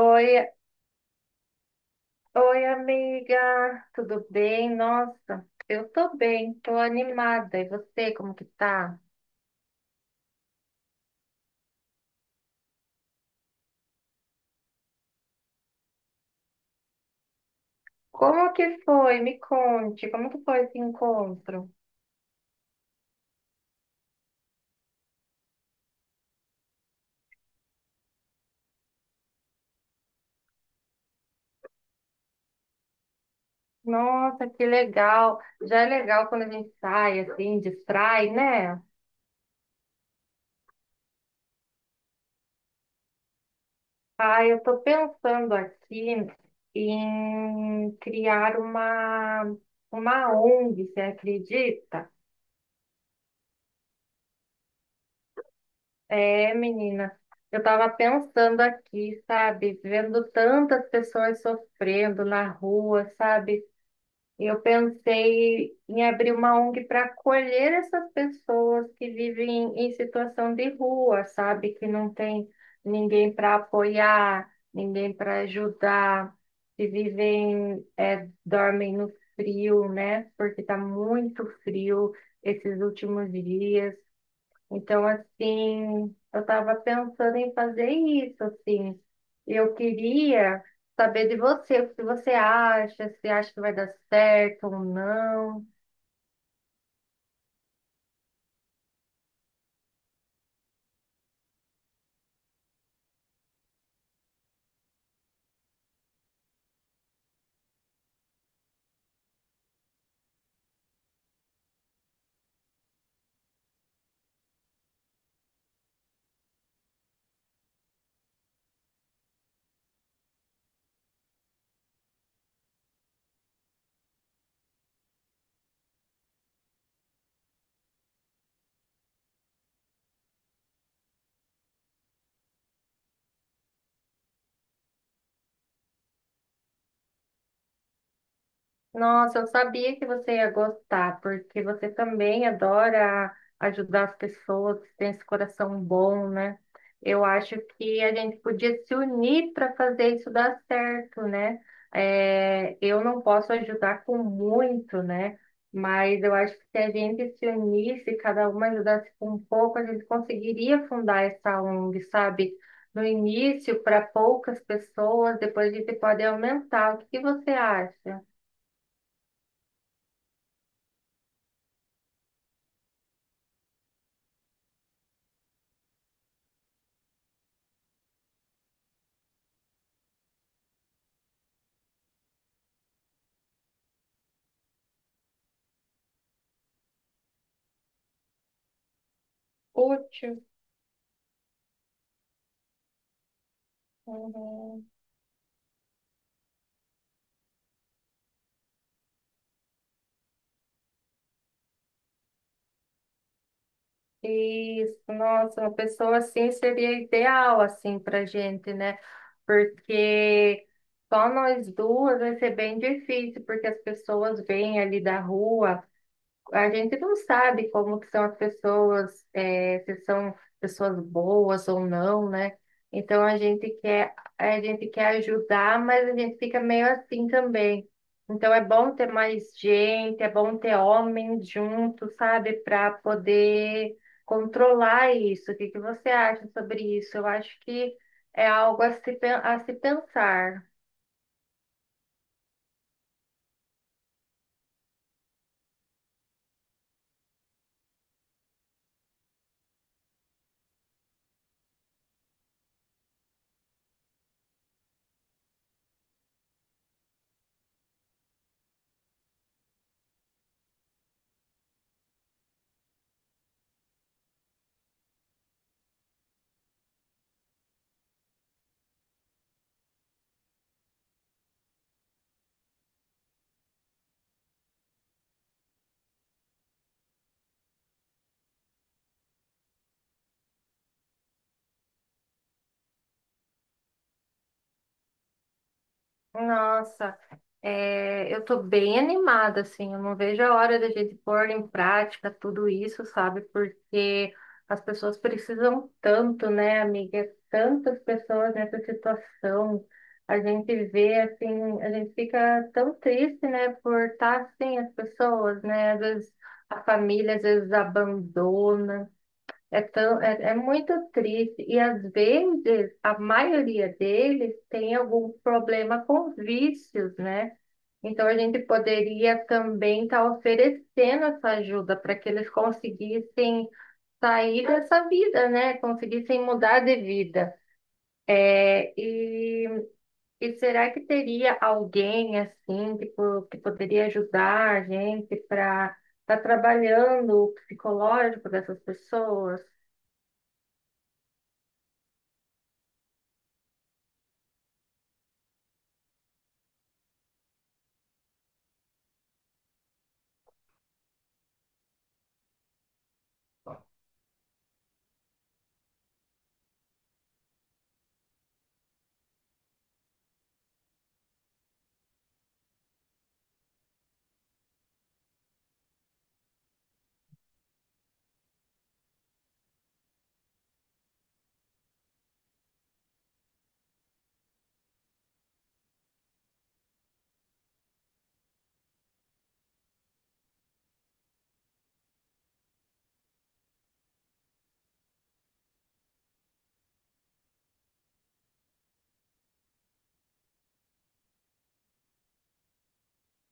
Oi, amiga, tudo bem? Nossa, eu tô bem, tô animada. E você, como que tá? Como que foi? Me conte, como que foi esse encontro? Nossa, que legal. Já é legal quando a gente sai, assim, distrai, né? Ah, eu tô pensando aqui em criar uma ONG, você acredita? É, menina, eu tava pensando aqui, sabe, vendo tantas pessoas sofrendo na rua, sabe? Eu pensei em abrir uma ONG para acolher essas pessoas que vivem em situação de rua, sabe? Que não tem ninguém para apoiar, ninguém para ajudar, que vivem, é, dormem no frio, né? Porque tá muito frio esses últimos dias. Então, assim, eu estava pensando em fazer isso, assim. Eu queria saber de você, o que você acha, se acha que vai dar certo ou não. Nossa, eu sabia que você ia gostar, porque você também adora ajudar as pessoas, tem esse coração bom, né? Eu acho que a gente podia se unir para fazer isso dar certo, né? É, eu não posso ajudar com muito, né? Mas eu acho que se a gente se unisse, cada uma ajudasse com um pouco, a gente conseguiria fundar essa ONG, sabe? No início, para poucas pessoas, depois a gente pode aumentar. O que que você acha? Útil. Uhum. Isso, nossa, uma pessoa assim seria ideal assim pra gente, né? Porque só nós duas vai ser bem difícil, porque as pessoas vêm ali da rua, a gente não sabe como que são as pessoas, se são pessoas boas ou não, né? Então a gente quer ajudar, mas a gente fica meio assim também. Então é bom ter mais gente, é bom ter homens junto, sabe? Para poder controlar isso. O que que você acha sobre isso? Eu acho que é algo a se pensar. Nossa. É, eu tô bem animada, assim, eu não vejo a hora da gente pôr em prática tudo isso, sabe? Porque as pessoas precisam tanto, né, amiga? Tantas pessoas nessa situação. A gente vê, assim, a gente fica tão triste, né, por estar assim as pessoas, né? Às vezes a família, às vezes abandona. É tão, é, é muito triste. E às vezes a maioria deles tem algum problema com vícios, né? Então, a gente poderia também estar oferecendo essa ajuda para que eles conseguissem sair dessa vida, né? Conseguissem mudar de vida. É, e, e será que teria alguém assim que poderia ajudar a gente para estar trabalhando o psicológico dessas pessoas?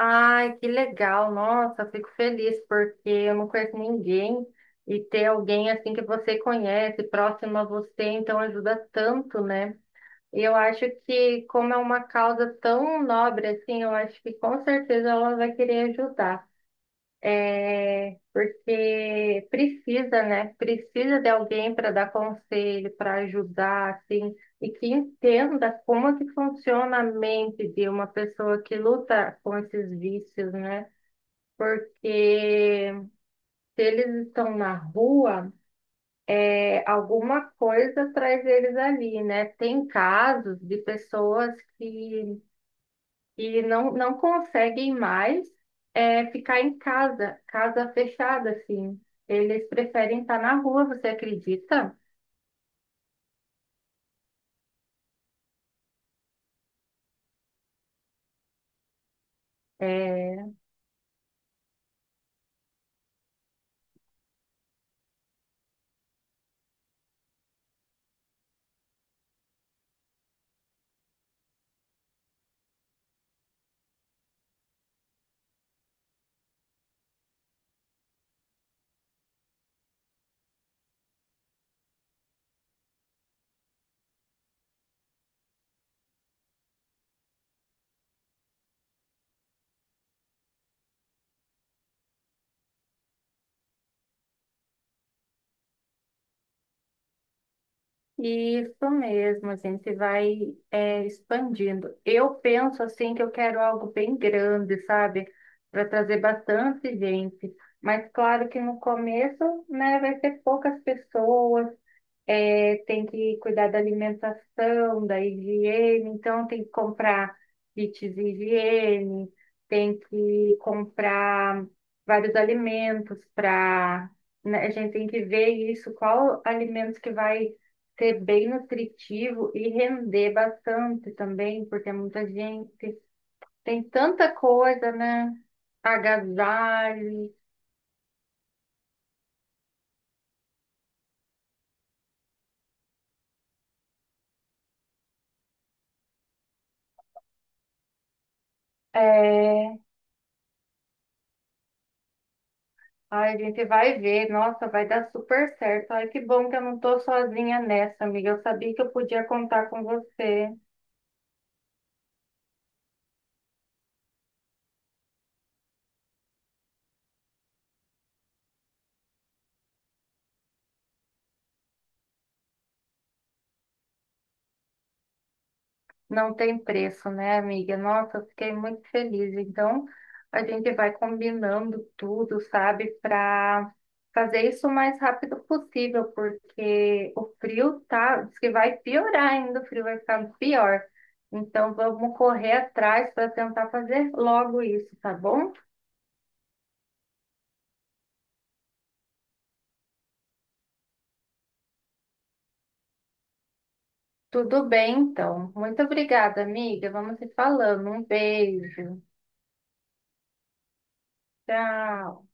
Ai, que legal, nossa, eu fico feliz porque eu não conheço ninguém e ter alguém assim que você conhece, próximo a você, então ajuda tanto, né? E eu acho que como é uma causa tão nobre assim, eu acho que com certeza ela vai querer ajudar, porque precisa, né? Precisa de alguém para dar conselho, para ajudar, assim, e que entenda como que funciona a mente de uma pessoa que luta com esses vícios, né? Porque se eles estão na rua, é, alguma coisa traz eles ali, né? Tem casos de pessoas que não conseguem mais ficar em casa, casa fechada, assim. Eles preferem estar na rua, você acredita? É, isso mesmo, a gente vai expandindo. Eu penso assim que eu quero algo bem grande, sabe? Para trazer bastante gente. Mas claro que no começo, né, vai ser poucas pessoas tem que cuidar da alimentação, da higiene, então tem que comprar kits de higiene, tem que comprar vários alimentos a gente tem que ver isso, qual alimento que vai ser bem nutritivo e render bastante também, porque é muita gente, tem tanta coisa, né? Agasalho, ai, a gente vai ver. Nossa, vai dar super certo. Ai, que bom que eu não tô sozinha nessa, amiga. Eu sabia que eu podia contar com você. Não tem preço, né, amiga? Nossa, eu fiquei muito feliz. Então, a gente vai combinando tudo, sabe, para fazer isso o mais rápido possível, porque o frio tá, diz que vai piorar ainda, o frio vai ficar pior. Então, vamos correr atrás para tentar fazer logo isso, tá bom? Tudo bem, então. Muito obrigada, amiga. Vamos se falando. Um beijo. Tchau.